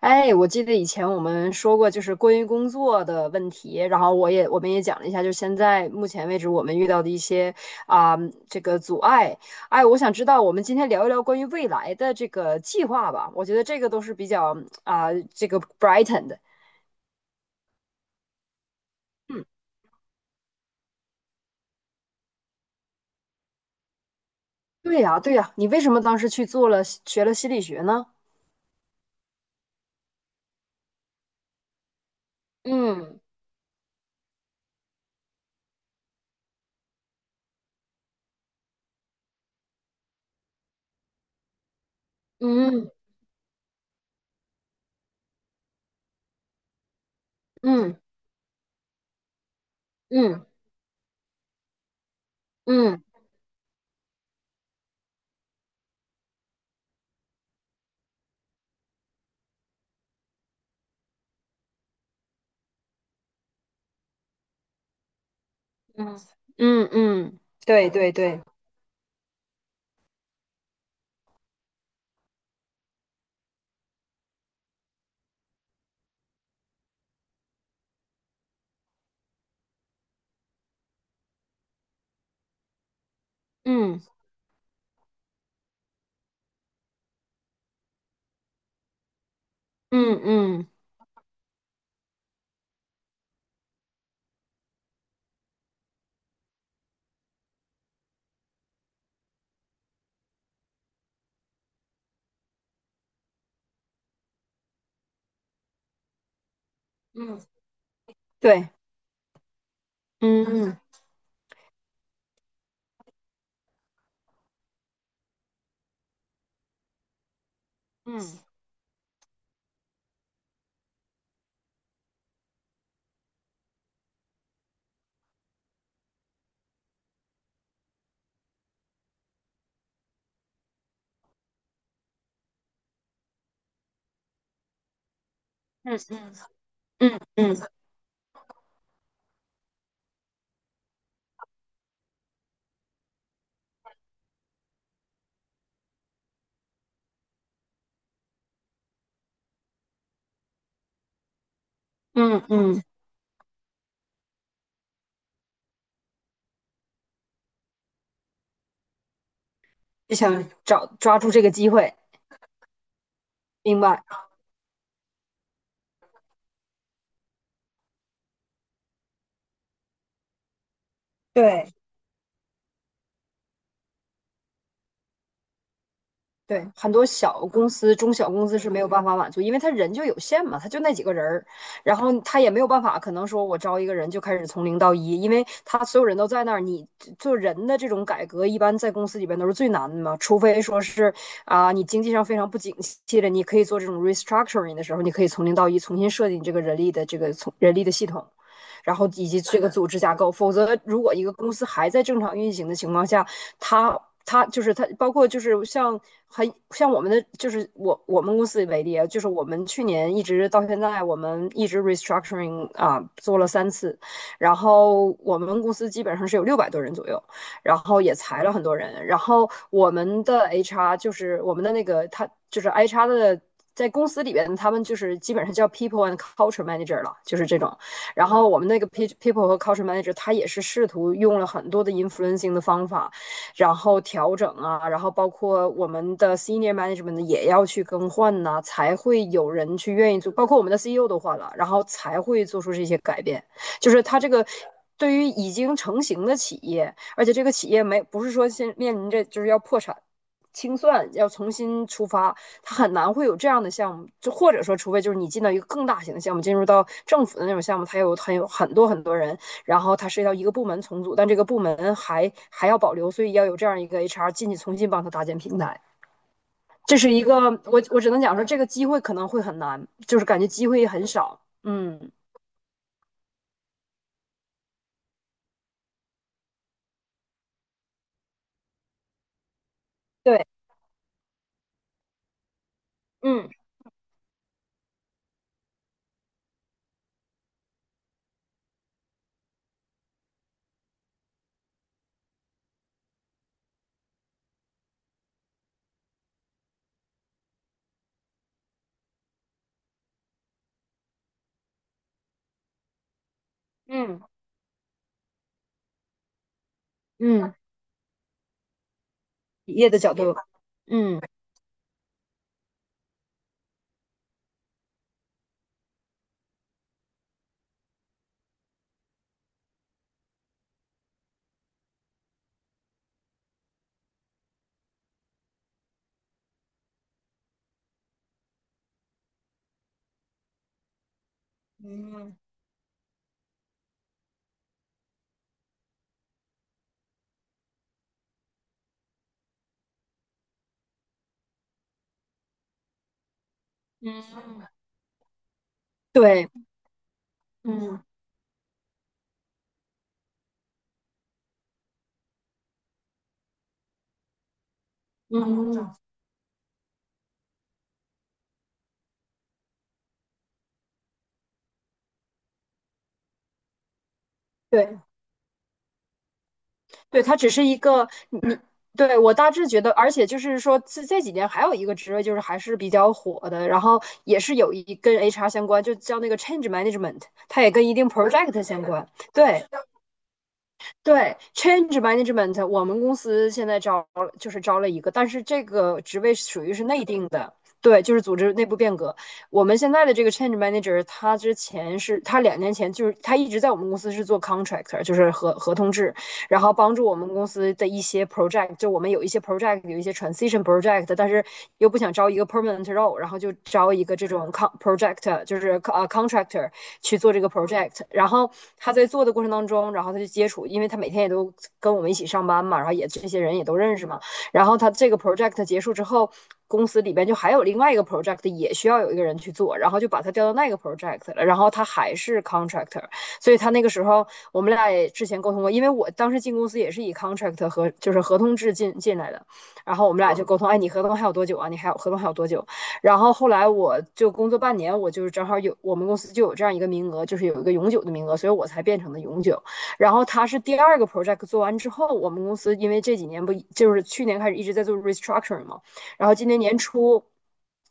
哎，我记得以前我们说过，就是关于工作的问题，然后我们也讲了一下，就现在目前为止我们遇到的一些啊、这个阻碍。哎，我想知道我们今天聊一聊关于未来的这个计划吧，我觉得这个都是比较啊、这个 brighten 的。嗯，对呀，对呀，你为什么当时去做了学了心理学呢？嗯嗯嗯嗯嗯嗯嗯嗯，对对对，嗯嗯嗯嗯，对，嗯。嗯嗯嗯嗯嗯嗯嗯，就想抓住这个机会，明白？对，对，很多小公司、中小公司是没有办法满足，因为他人就有限嘛，他就那几个人儿，然后他也没有办法，可能说我招一个人就开始从零到一，因为他所有人都在那儿，你做人的这种改革，一般在公司里边都是最难的嘛，除非说是你经济上非常不景气了，你可以做这种 restructuring 的时候，你可以从零到一重新设计你这个人力的这个从人力的系统，然后以及这个组织架构。否则，如果一个公司还在正常运行的情况下，它它就是它，包括就是很像我们的，就是我们公司为例啊，就是我们去年一直到现在，我们一直 restructuring 啊做了3次，然后我们公司基本上是有600多人左右，然后也裁了很多人，然后我们的 HR 就是我们的那个他就是 HR 的。在公司里边，他们就是基本上叫 people and culture manager 了，就是这种。然后我们那个 people 和 culture manager 他也是试图用了很多的 influencing 的方法，然后调整啊，然后包括我们的 senior management 也要去更换呐、才会有人去愿意做，包括我们的 CEO 都换了，然后才会做出这些改变，就是他这个。对于已经成型的企业，而且这个企业没不是说现面临着就是要破产、清算，要重新出发，它很难会有这样的项目，就或者说，除非就是你进到一个更大型的项目，进入到政府的那种项目，它有很多很多人，然后它涉及到一个部门重组，但这个部门还要保留，所以要有这样一个 HR 进去重新帮他搭建平台。这是一个，我只能讲说，这个机会可能会很难，就是感觉机会很少。嗯，对，嗯嗯嗯，企业的角度，嗯，对，嗯嗯，对。对，它只是一个你。对我大致觉得，而且就是说，这几年还有一个职位就是还是比较火的，然后也是有一跟 HR 相关，就叫那个 change management,它也跟一定 project 相关。对，对，change management,我们公司现在招了就是招了一个，但是这个职位属于是内定的，对，就是组织内部变革。我们现在的这个 change manager,他之前是他2年前就是他一直在我们公司是做 contractor,就是合同制，然后帮助我们公司的一些 project,就我们有一些 project 有一些 transition project,但是又不想招一个 permanent role,然后就招一个这种 con project,就是contractor,去做这个 project。然后他在做的过程当中，然后他就接触，因为他每天也都跟我们一起上班嘛，然后也这些人也都认识嘛。然后他这个 project 结束之后，公司里边就还有另外一个 project 也需要有一个人去做，然后就把他调到那个 project 了。然后他还是 contractor,所以他那个时候我们俩也之前沟通过，因为我当时进公司也是以 contract 和就是合同制进来的，然后我们俩就沟通，哎，你合同还有多久啊？你还有合同还有多久？然后后来我就工作半年，我就是正好有我们公司就有这样一个名额，就是有一个永久的名额，所以我才变成了永久。然后他是第二个 project 做完之后，我们公司因为这几年不就是去年开始一直在做 restructuring 嘛，然后今年年初。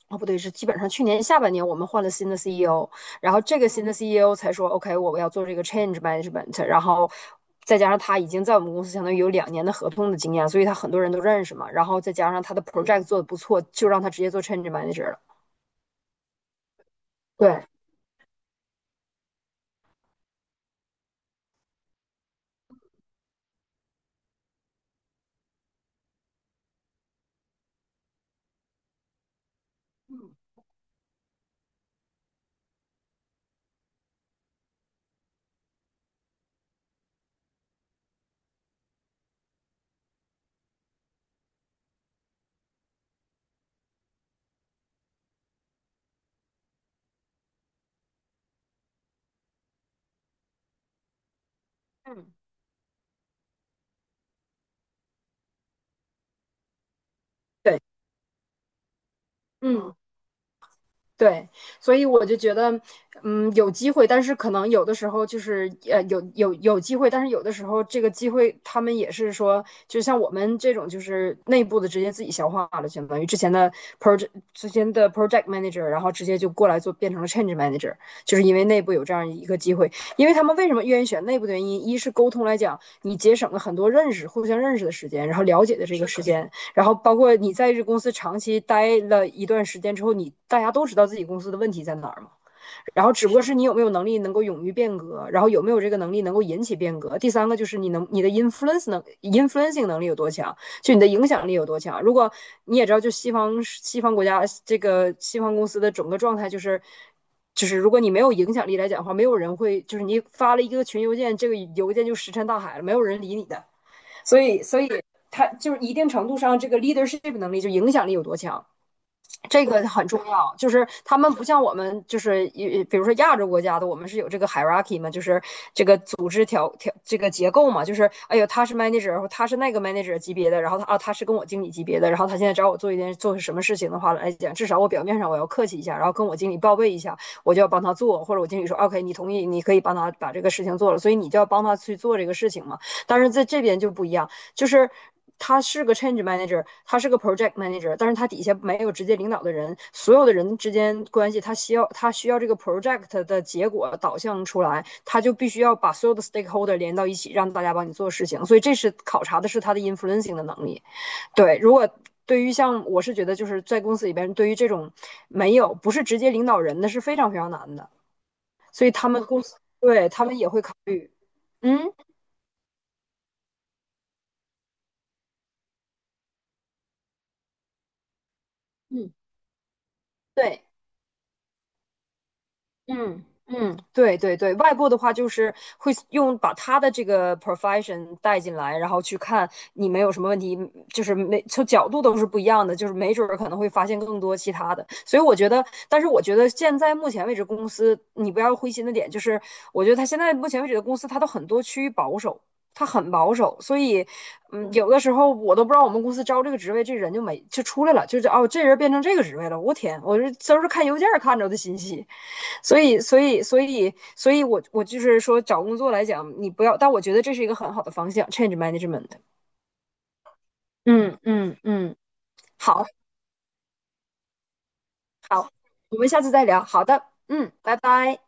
哦，不对，是基本上去年下半年我们换了新的 CEO,然后这个新的 CEO 才说 OK,我要做这个 change management,然后。再加上他已经在我们公司相当于有两年的合同的经验，所以他很多人都认识嘛。然后再加上他的 project 做的不错，就让他直接做 change manager 了。对，嗯，对，嗯，对，所以我就觉得，有机会，但是可能有的时候就是，有机会，但是有的时候这个机会，他们也是说，就像我们这种，就是内部的直接自己消化了，相当于之前的 project 之前的 project manager,然后直接就过来做变成了 change manager,就是因为内部有这样一个机会，因为他们为什么愿意选内部的原因，一是沟通来讲，你节省了很多认识、互相认识的时间，然后了解的这个时间，然后包括你在这公司长期待了一段时间之后，你大家都知道自己公司的问题在哪儿嘛。然后只不过是你有没有能力能够勇于变革，然后有没有这个能力能够引起变革。第三个就是你的 influence influencing 能力有多强，就你的影响力有多强。如果你也知道，就西方国家这个西方公司的整个状态就是。就是如果你没有影响力来讲的话，没有人会，就是你发了一个群邮件，这个邮件就石沉大海了，没有人理你的。所以，所以，他就是一定程度上，这个 leadership 能力就影响力有多强，这个很重要。就是他们不像我们，就是比如说亚洲国家的，我们是有这个 hierarchy 嘛，就是这个组织条条这个结构嘛，就是哎呦，他是 manager,他是那个 manager 级别的，然后他是跟我经理级别的，然后他现在找我做一件做什么事情的话来讲，至少我表面上我要客气一下，然后跟我经理报备一下，我就要帮他做，或者我经理说 OK,你同意，你可以帮他把这个事情做了，所以你就要帮他去做这个事情嘛。但是在这边就不一样。就是他是个 change manager,他是个 project manager,但是他底下没有直接领导的人，所有的人之间关系，他需要这个 project 的结果导向出来，他就必须要把所有的 stakeholder 连到一起，让大家帮你做事情。所以这是考察的是他的 influencing 的能力。对，如果。对于像我是觉得就是在公司里边，对于这种没有不是直接领导人的是非常非常难的，所以他们公司对他们也会考虑，嗯嗯，对，嗯嗯，对对对，外部的话就是会用把他的这个 profession 带进来，然后去看你们有什么问题，就是每从角度都是不一样的，就是没准儿可能会发现更多其他的。所以我觉得，但是我觉得现在目前为止公司，你不要灰心的点就是，我觉得他现在目前为止的公司，他都很多趋于保守，他很保守，所以有的时候我都不知道我们公司招这个职位，这人就没就出来了，就是哦，这人变成这个职位了，我天，我这都是看邮件儿看着的信息。所以,我就是说，找工作来讲，你不要，但我觉得这是一个很好的方向，change management。嗯嗯嗯，好好，我们下次再聊。好的，嗯，拜拜。